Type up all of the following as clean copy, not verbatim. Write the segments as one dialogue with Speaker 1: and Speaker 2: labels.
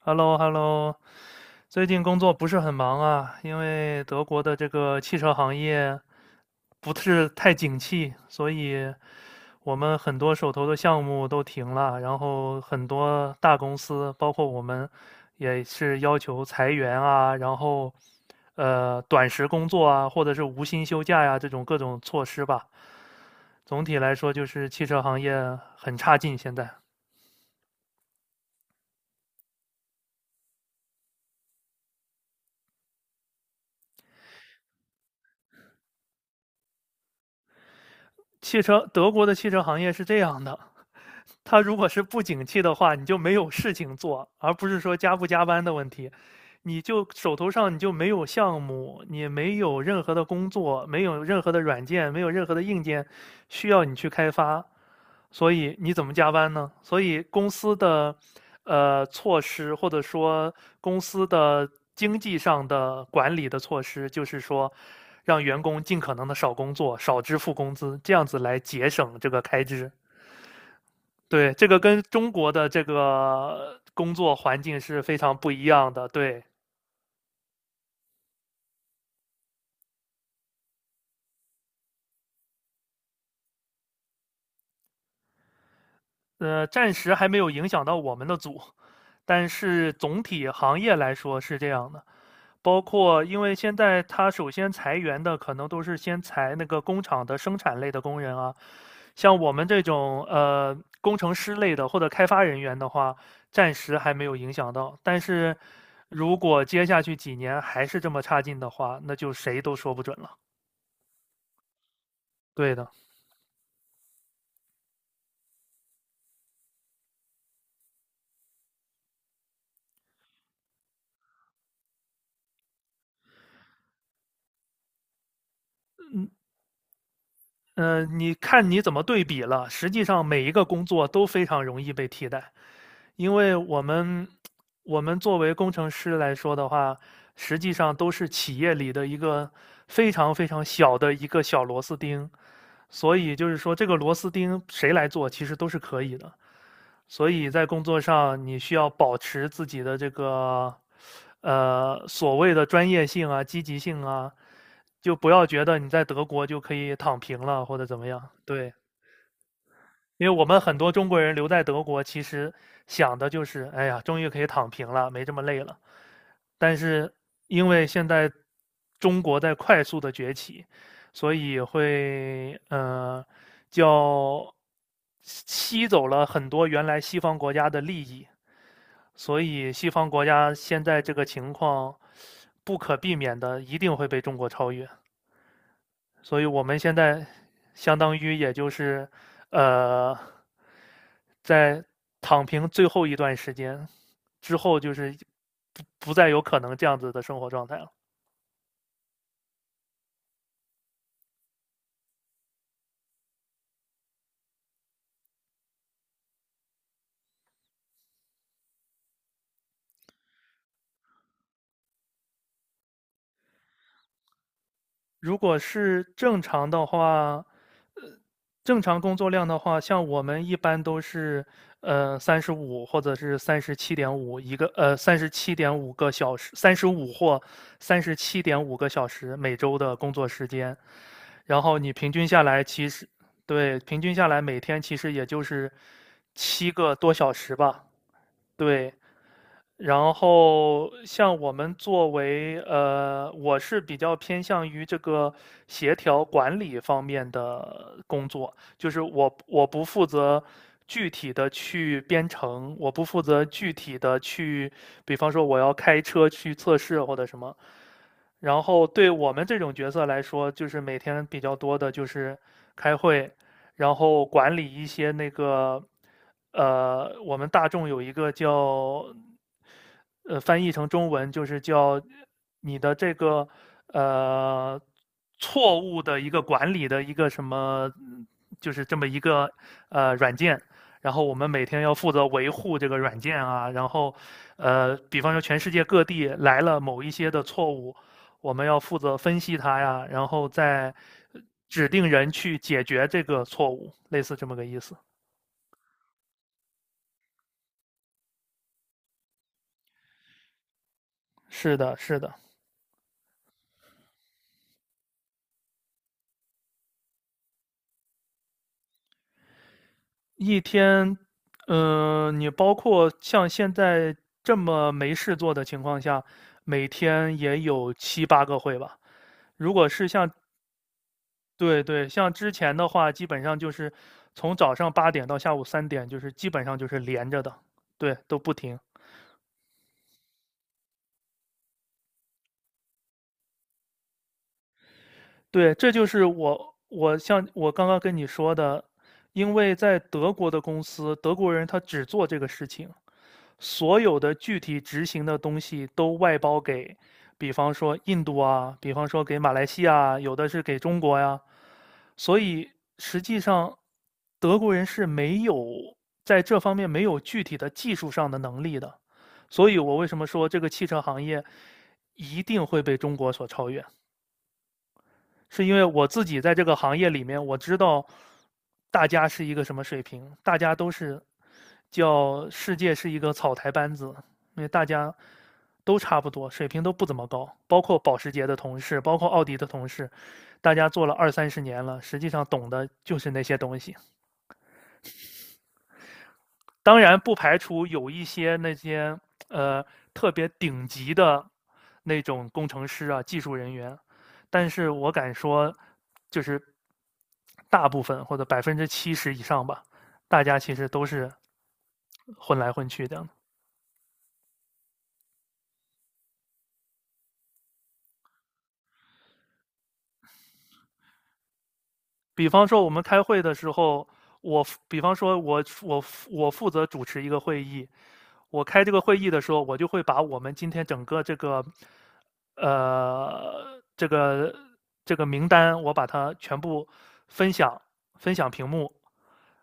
Speaker 1: h e l l o h e l l o 最近工作不是很忙啊，因为德国的这个汽车行业不是太景气，所以我们很多手头的项目都停了，然后很多大公司，包括我们，也是要求裁员啊，然后短时工作啊，或者是无薪休假呀，这种各种措施吧。总体来说，就是汽车行业很差劲。现在汽车，德国的汽车行业是这样的，他如果是不景气的话，你就没有事情做，而不是说加不加班的问题。你就手头上你就没有项目，你没有任何的工作，没有任何的软件，没有任何的硬件需要你去开发，所以你怎么加班呢？所以公司的措施，或者说公司的经济上的管理的措施，就是说让员工尽可能的少工作，少支付工资，这样子来节省这个开支。对，这个跟中国的这个工作环境是非常不一样的。对，暂时还没有影响到我们的组，但是总体行业来说是这样的。包括因为现在它首先裁员的可能都是先裁那个工厂的生产类的工人啊，像我们这种工程师类的或者开发人员的话，暂时还没有影响到。但是如果接下去几年还是这么差劲的话，那就谁都说不准了。对的。嗯，你看你怎么对比了。实际上，每一个工作都非常容易被替代，因为我们作为工程师来说的话，实际上都是企业里的一个非常非常小的一个小螺丝钉，所以就是说，这个螺丝钉谁来做，其实都是可以的。所以在工作上你需要保持自己的这个所谓的专业性啊、积极性啊，就不要觉得你在德国就可以躺平了或者怎么样。对。因为我们很多中国人留在德国，其实想的就是，哎呀，终于可以躺平了，没这么累了。但是因为现在中国在快速的崛起，所以会叫吸走了很多原来西方国家的利益，所以西方国家现在这个情况不可避免的一定会被中国超越。所以我们现在相当于也就是呃，在躺平最后一段时间之后，就是不再有可能这样子的生活状态了。如果是正常的话，呃，正常工作量的话，像我们一般都是，三十五或者是三十七点五一个，三十七点五个小时三十五或三十七点五个小时每周的工作时间。然后你平均下来，其实，对，平均下来每天其实也就是7个多小时吧，对。然后像我们作为我是比较偏向于这个协调管理方面的工作，就是我不负责具体的去编程，我不负责具体的去，比方说我要开车去测试或者什么，然后对我们这种角色来说，就是每天比较多的就是开会，然后管理一些那个，我们大众有一个叫，翻译成中文就是叫你的这个呃错误的一个管理的一个什么，就是这么一个软件。然后我们每天要负责维护这个软件啊，然后，比方说全世界各地来了某一些的错误，我们要负责分析它呀，然后再指定人去解决这个错误，类似这么个意思。是的，是的，一天，嗯，你包括像现在这么没事做的情况下，每天也有七八个会吧。如果是像，对对，像之前的话，基本上就是从早上八点到下午三点，就是基本上就是连着的，对，都不停。对，这就是我像我刚刚跟你说的，因为在德国的公司，德国人他只做这个事情，所有的具体执行的东西都外包给，比方说印度啊，比方说给马来西亚，有的是给中国呀，所以实际上德国人是没有在这方面没有具体的技术上的能力的，所以我为什么说这个汽车行业一定会被中国所超越？是因为我自己在这个行业里面，我知道大家是一个什么水平，大家都是叫世界是一个草台班子，因为大家都差不多，水平都不怎么高，包括保时捷的同事，包括奥迪的同事，大家做了二三十年了，实际上懂的就是那些东西。当然不排除有一些那些呃特别顶级的那种工程师啊、技术人员，但是我敢说，就是大部分或者70%以上吧，大家其实都是混来混去的。比方说我们开会的时候，我比方说我负责主持一个会议，我开这个会议的时候，我就会把我们今天整个这个，这个名单，我把它全部分享分享屏幕，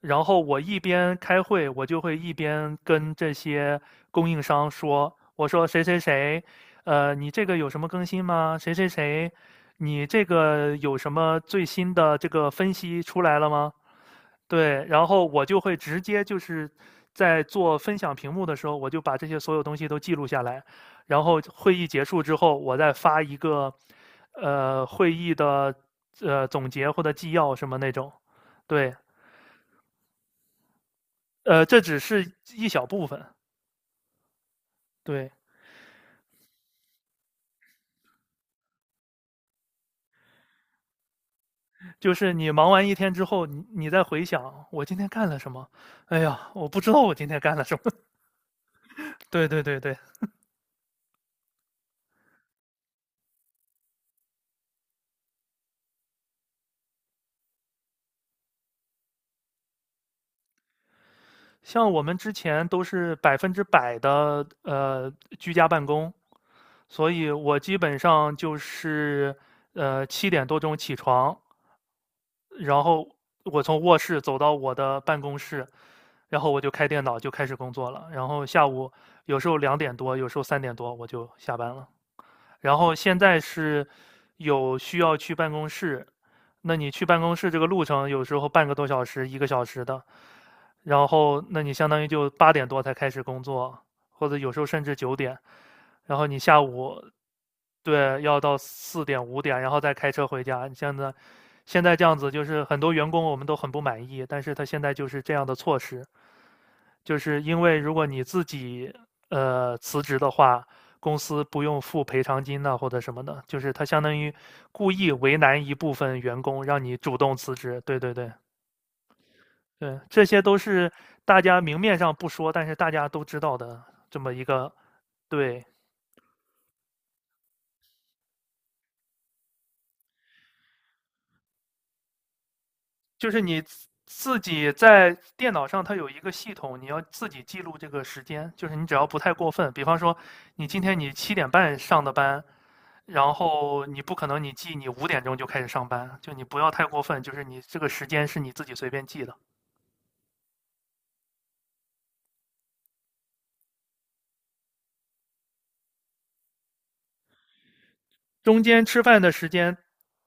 Speaker 1: 然后我一边开会，我就会一边跟这些供应商说，我说谁谁谁，你这个有什么更新吗？谁谁谁，你这个有什么最新的这个分析出来了吗？对，然后我就会直接就是在做分享屏幕的时候，我就把这些所有东西都记录下来，然后会议结束之后，我再发一个，会议的总结或者纪要什么那种，对。这只是一小部分。对，就是你忙完一天之后，你再回想我今天干了什么，哎呀，我不知道我今天干了什么。对对对对，像我们之前都是100%的居家办公，所以我基本上就是7点多钟起床，然后我从卧室走到我的办公室，然后我就开电脑就开始工作了，然后下午有时候2点多，有时候3点多我就下班了。然后现在是有需要去办公室，那你去办公室这个路程有时候半个多小时、1个小时的，然后那你相当于就8点多才开始工作，或者有时候甚至9点，然后你下午对要到4点五点，然后再开车回家。你现在现在这样子，就是很多员工我们都很不满意，但是他现在就是这样的措施，就是因为如果你自己辞职的话，公司不用付赔偿金呐、或者什么的，就是他相当于故意为难一部分员工，让你主动辞职。对对对对，这些都是大家明面上不说，但是大家都知道的这么一个对。就是你自己在电脑上，它有一个系统，你要自己记录这个时间。就是你只要不太过分，比方说你今天你7点半上的班，然后你不可能你记你5点钟就开始上班，就你不要太过分，就是你这个时间是你自己随便记的。中间吃饭的时间，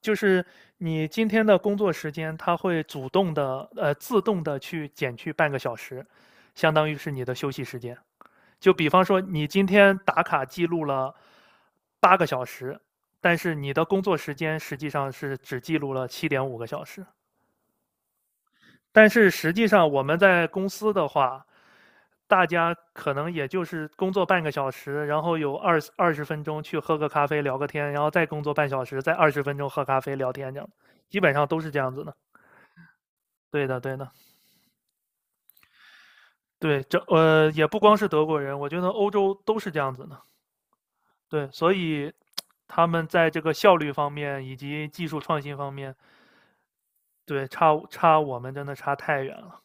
Speaker 1: 就是你今天的工作时间，它会主动的自动的去减去半个小时，相当于是你的休息时间。就比方说，你今天打卡记录了8个小时，但是你的工作时间实际上是只记录了七点五个小时。但是实际上我们在公司的话，大家可能也就是工作半个小时，然后有二十分钟去喝个咖啡聊个天，然后再工作半小时，再二十分钟喝咖啡聊天，这样基本上都是这样子的。对的，对的，对，这也不光是德国人，我觉得欧洲都是这样子的。对，所以他们在这个效率方面以及技术创新方面，对，差我们真的差太远了。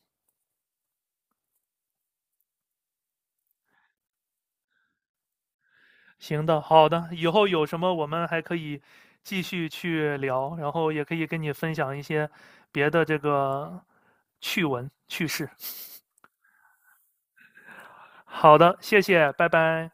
Speaker 1: 行的，好的，以后有什么我们还可以继续去聊，然后也可以跟你分享一些别的这个趣闻趣事。好的，谢谢，拜拜。